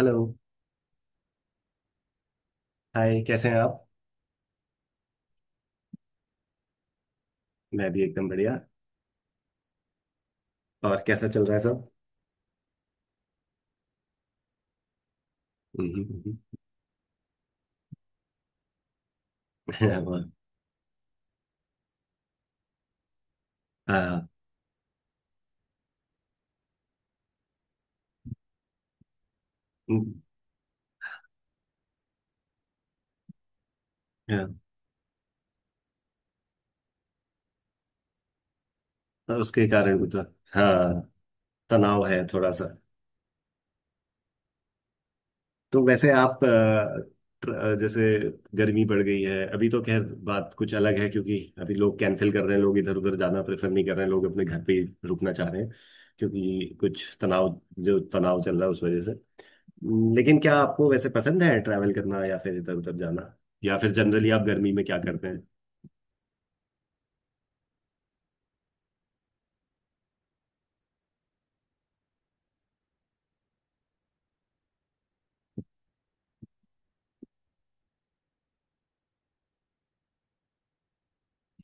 Hello. Hi, कैसे हैं आप? मैं भी एकदम बढ़िया। और कैसा चल रहा है सब? हम्म, हम्म, हम्म। हाँ। हम्म, हाँ, तो उसके कारण कुछ। हाँ, तनाव है थोड़ा सा। तो वैसे आप जैसे गर्मी बढ़ गई है अभी तो खैर बात कुछ अलग है, क्योंकि अभी लोग कैंसिल कर रहे हैं, लोग इधर उधर जाना प्रेफर नहीं कर रहे हैं, लोग अपने घर पे ही रुकना चाह रहे हैं, क्योंकि कुछ तनाव जो तनाव चल रहा है उस वजह से। लेकिन क्या आपको वैसे पसंद है ट्रैवल करना या फिर इधर उधर जाना? या फिर जनरली आप गर्मी में क्या करते हैं?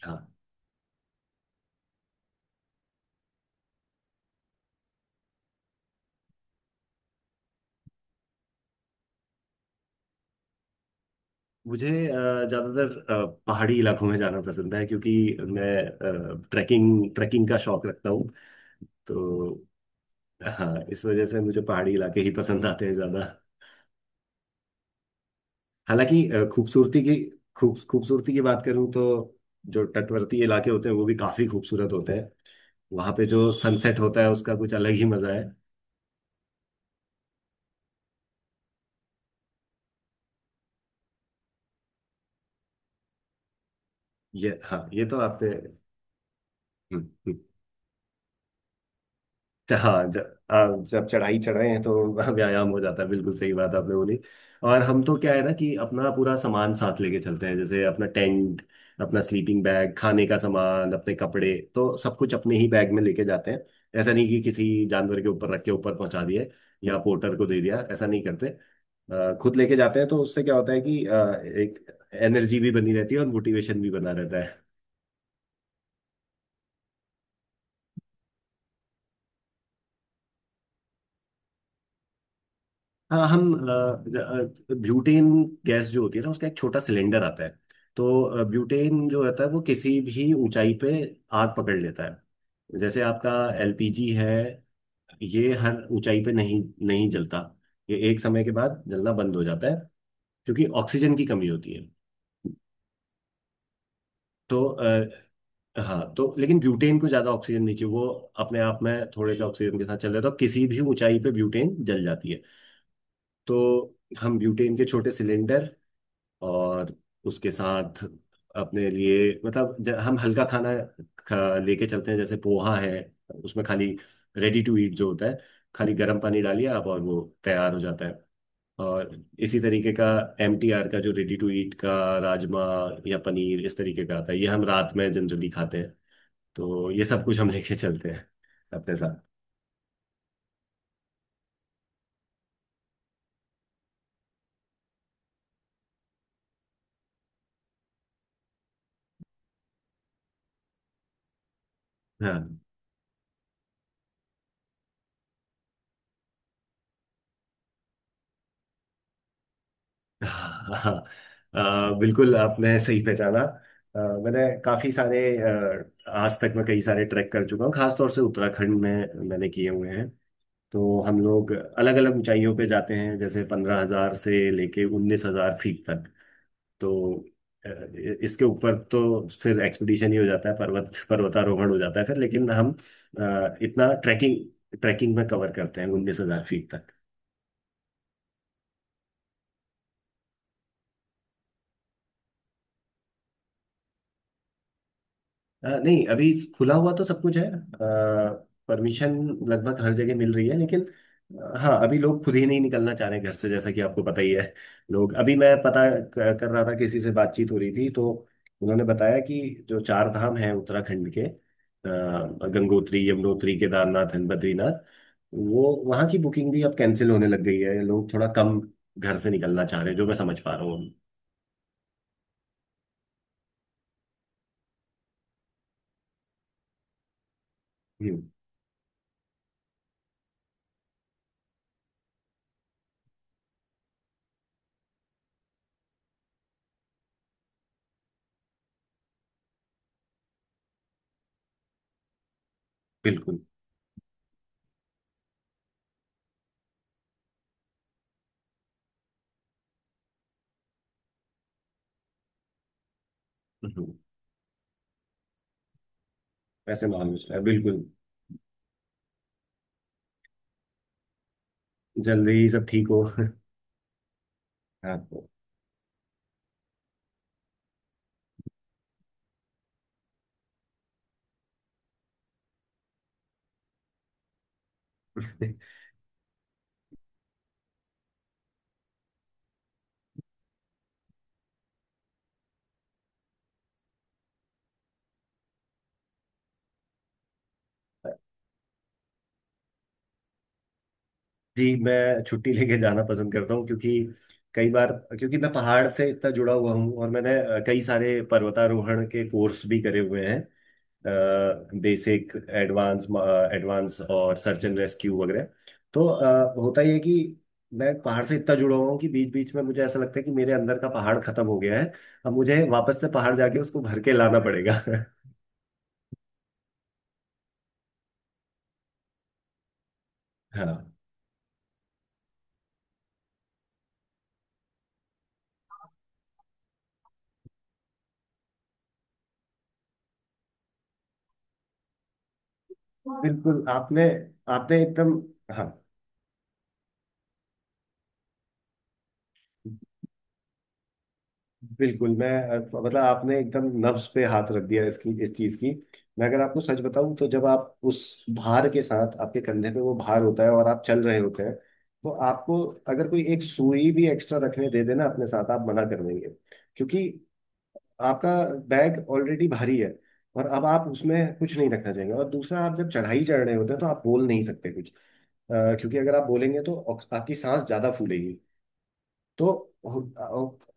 हाँ, मुझे ज्यादातर पहाड़ी इलाकों में जाना पसंद है, क्योंकि मैं ट्रैकिंग ट्रैकिंग का शौक रखता हूँ। तो हाँ, इस वजह से मुझे पहाड़ी इलाके ही पसंद आते हैं ज्यादा। हालांकि खूबसूरती की बात करूँ तो जो तटवर्ती इलाके होते हैं वो भी काफी खूबसूरत होते हैं, वहां पे जो सनसेट होता है उसका कुछ अलग ही मजा है। ये हाँ, ये तो आपने। हम्म, हम्म। हाँ ज- हाँ, जब चढ़ाई चढ़े हैं तो व्यायाम हो जाता है, बिल्कुल सही बात आपने बोली। और हम तो क्या है ना कि अपना पूरा सामान साथ लेके चलते हैं, जैसे अपना टेंट, अपना स्लीपिंग बैग, खाने का सामान, अपने कपड़े, तो सब कुछ अपने ही बैग में लेके जाते हैं। ऐसा नहीं कि किसी जानवर के ऊपर रख के ऊपर पहुंचा दिए या पोर्टर को दे दिया, ऐसा नहीं करते। खुद लेके जाते हैं तो उससे क्या होता है कि एक एनर्जी भी बनी रहती है और मोटिवेशन भी बना रहता। हाँ, हम ब्यूटेन गैस जो होती है ना उसका एक छोटा सिलेंडर आता है। तो ब्यूटेन जो रहता है वो किसी भी ऊंचाई पे आग पकड़ लेता है, जैसे आपका एलपीजी है। ये हर ऊंचाई पे नहीं, नहीं जलता। ये एक समय के बाद जलना बंद हो जाता है, क्योंकि ऑक्सीजन की कमी होती है। तो हाँ, तो लेकिन ब्यूटेन को ज्यादा ऑक्सीजन नहीं चाहिए, वो अपने आप में थोड़े से ऑक्सीजन के साथ चल रहा है, तो किसी भी ऊंचाई पे ब्यूटेन जल जाती है। तो हम ब्यूटेन के छोटे सिलेंडर और उसके साथ अपने लिए, मतलब हम हल्का खाना लेके चलते हैं। जैसे पोहा है, उसमें खाली, रेडी टू ईट जो होता है, खाली गर्म पानी डालिए आप और वो तैयार हो जाता है। और इसी तरीके का एमटीआर का जो रेडी टू ईट का राजमा या पनीर इस तरीके का आता है, ये हम रात में जनरली खाते हैं। तो ये सब कुछ हम लेके चलते हैं अपने साथ। हाँ। हाँ, बिल्कुल आपने सही पहचाना। मैंने काफ़ी सारे आज तक मैं कई सारे ट्रैक कर चुका हूँ, खासतौर से उत्तराखंड में मैंने किए हुए हैं। तो हम लोग अलग अलग ऊंचाइयों पे जाते हैं, जैसे 15,000 से लेके 19,000 फीट तक। तो अ, इसके ऊपर तो फिर एक्सपीडिशन ही हो जाता है, पर्वतारोहण हो जाता है फिर, लेकिन हम इतना ट्रैकिंग ट्रैकिंग में कवर करते हैं, 19,000 फीट। नहीं, अभी खुला हुआ तो सब कुछ है, परमिशन लगभग हर जगह मिल रही है, लेकिन हाँ, अभी लोग खुद ही नहीं निकलना चाह रहे हैं घर से, जैसा कि आपको पता ही है। लोग अभी, मैं पता कर रहा था, किसी से बातचीत हो रही थी, तो उन्होंने बताया कि जो चार धाम हैं उत्तराखंड के, गंगोत्री, यमुनोत्री, केदारनाथ एंड बद्रीनाथ, वो वहाँ की बुकिंग भी अब कैंसिल होने लग गई है, लोग थोड़ा कम घर से निकलना चाह रहे हैं, जो मैं समझ पा रहा हूँ। हम्म, बिल्कुल। हम्म, ऐसे माहौल में चल रहा है, बिल्कुल। जल्दी ही सब ठीक हो हाँ, तो जी, मैं छुट्टी लेके जाना पसंद करता हूँ, क्योंकि कई बार, क्योंकि मैं पहाड़ से इतना जुड़ा हुआ हूँ और मैंने कई सारे पर्वतारोहण के कोर्स भी करे हुए हैं, बेसिक, एडवांस, एडवांस और सर्च एंड रेस्क्यू वगैरह। तो होता ये है कि मैं पहाड़ से इतना जुड़ा हुआ हूँ कि बीच बीच में मुझे ऐसा लगता है कि मेरे अंदर का पहाड़ खत्म हो गया है, अब मुझे वापस से पहाड़ जाके उसको भर के लाना पड़ेगा। हाँ, बिल्कुल आपने, आपने एकदम, हाँ, बिल्कुल। मैं मतलब, आपने एकदम नब्ज पे हाथ रख दिया इसकी, इस चीज की। मैं अगर आपको सच बताऊं तो जब आप उस भार के साथ, आपके कंधे पे वो भार होता है और आप चल रहे होते हैं, तो आपको, अगर कोई एक सुई भी एक्स्ट्रा रखने दे देना अपने साथ, आप मना कर देंगे, क्योंकि आपका बैग ऑलरेडी भारी है और अब आप उसमें कुछ नहीं रखना चाहेंगे। और दूसरा, आप जब चढ़ाई चढ़ रहे होते हैं तो आप बोल नहीं सकते कुछ, अ, क्योंकि अगर आप बोलेंगे तो आपकी सांस ज्यादा फूलेगी। तो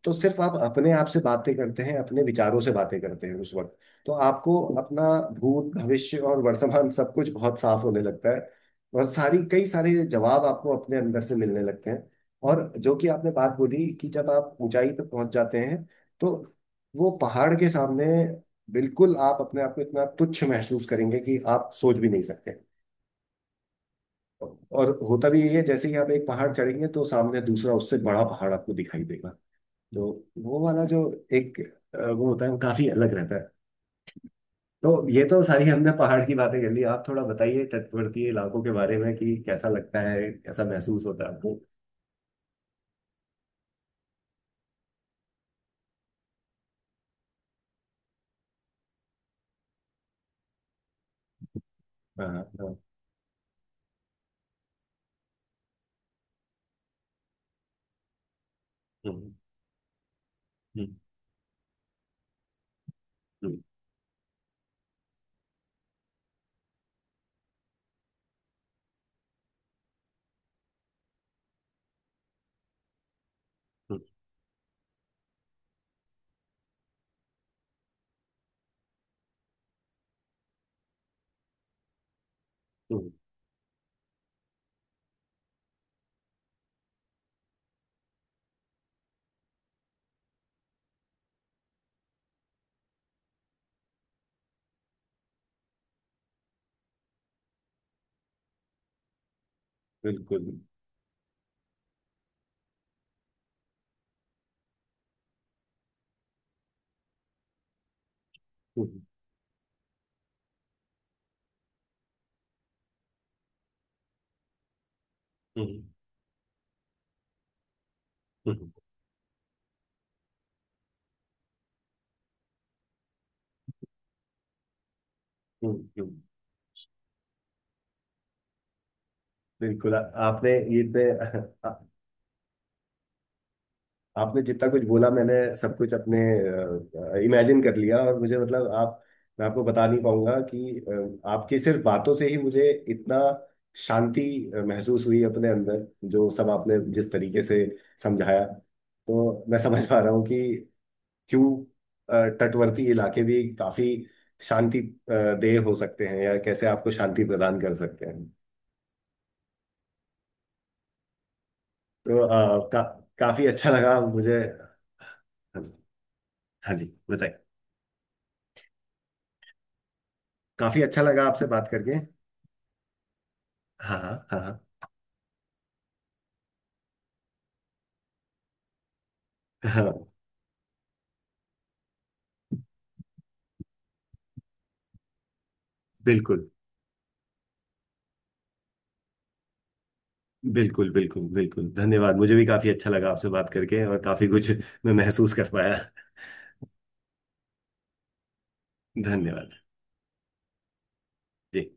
तो सिर्फ आप अपने आप से बातें करते हैं, अपने विचारों से बातें करते हैं उस वक्त। तो आपको अपना भूत, भविष्य और वर्तमान सब कुछ बहुत साफ होने लगता है, और सारी कई सारे जवाब आपको अपने अंदर से मिलने लगते हैं। और जो कि आपने बात बोली कि जब आप ऊंचाई पर पहुंच जाते हैं, तो वो पहाड़ के सामने बिल्कुल आप अपने आप को इतना तुच्छ महसूस करेंगे कि आप सोच भी नहीं सकते। और होता भी यही है, जैसे ही आप एक पहाड़ चढ़ेंगे तो सामने दूसरा उससे बड़ा पहाड़ आपको दिखाई देगा। तो वो वाला जो एक वो होता है, वो काफी अलग रहता है। तो ये तो सारी हमने पहाड़ की बातें कर ली, आप थोड़ा बताइए तटवर्ती इलाकों के बारे में कि कैसा लगता है, कैसा महसूस होता है आपको? हाँ, हाँ। हम्म, हम्म, हम्म, हम्म, हम्म, बिल्कुल। हम्म, हम्म, हम्म, हम्म, हम्म, बिल्कुल। आ- आपने ये पे आपने जितना कुछ बोला, मैंने सब कुछ अपने इमेजिन कर लिया और मुझे, मतलब, आप, मैं आपको बता नहीं पाऊंगा कि आपकी सिर्फ बातों से ही मुझे इतना शांति महसूस हुई अपने अंदर, जो सब आपने जिस तरीके से समझाया, तो मैं समझ पा रहा हूँ कि क्यों तटवर्ती इलाके भी काफी शांति अ, देह हो सकते हैं या कैसे आपको शांति प्रदान कर सकते हैं। तो काफी अच्छा लगा मुझे। हाँ जी। हाँ जी, बताइए। काफी अच्छा लगा आपसे बात करके। हाँ, हाँ, हाँ। बिल्कुल, बिल्कुल, बिल्कुल, बिल्कुल, धन्यवाद। मुझे भी काफी अच्छा लगा आपसे बात करके और काफी कुछ मैं महसूस कर पाया। धन्यवाद। जी।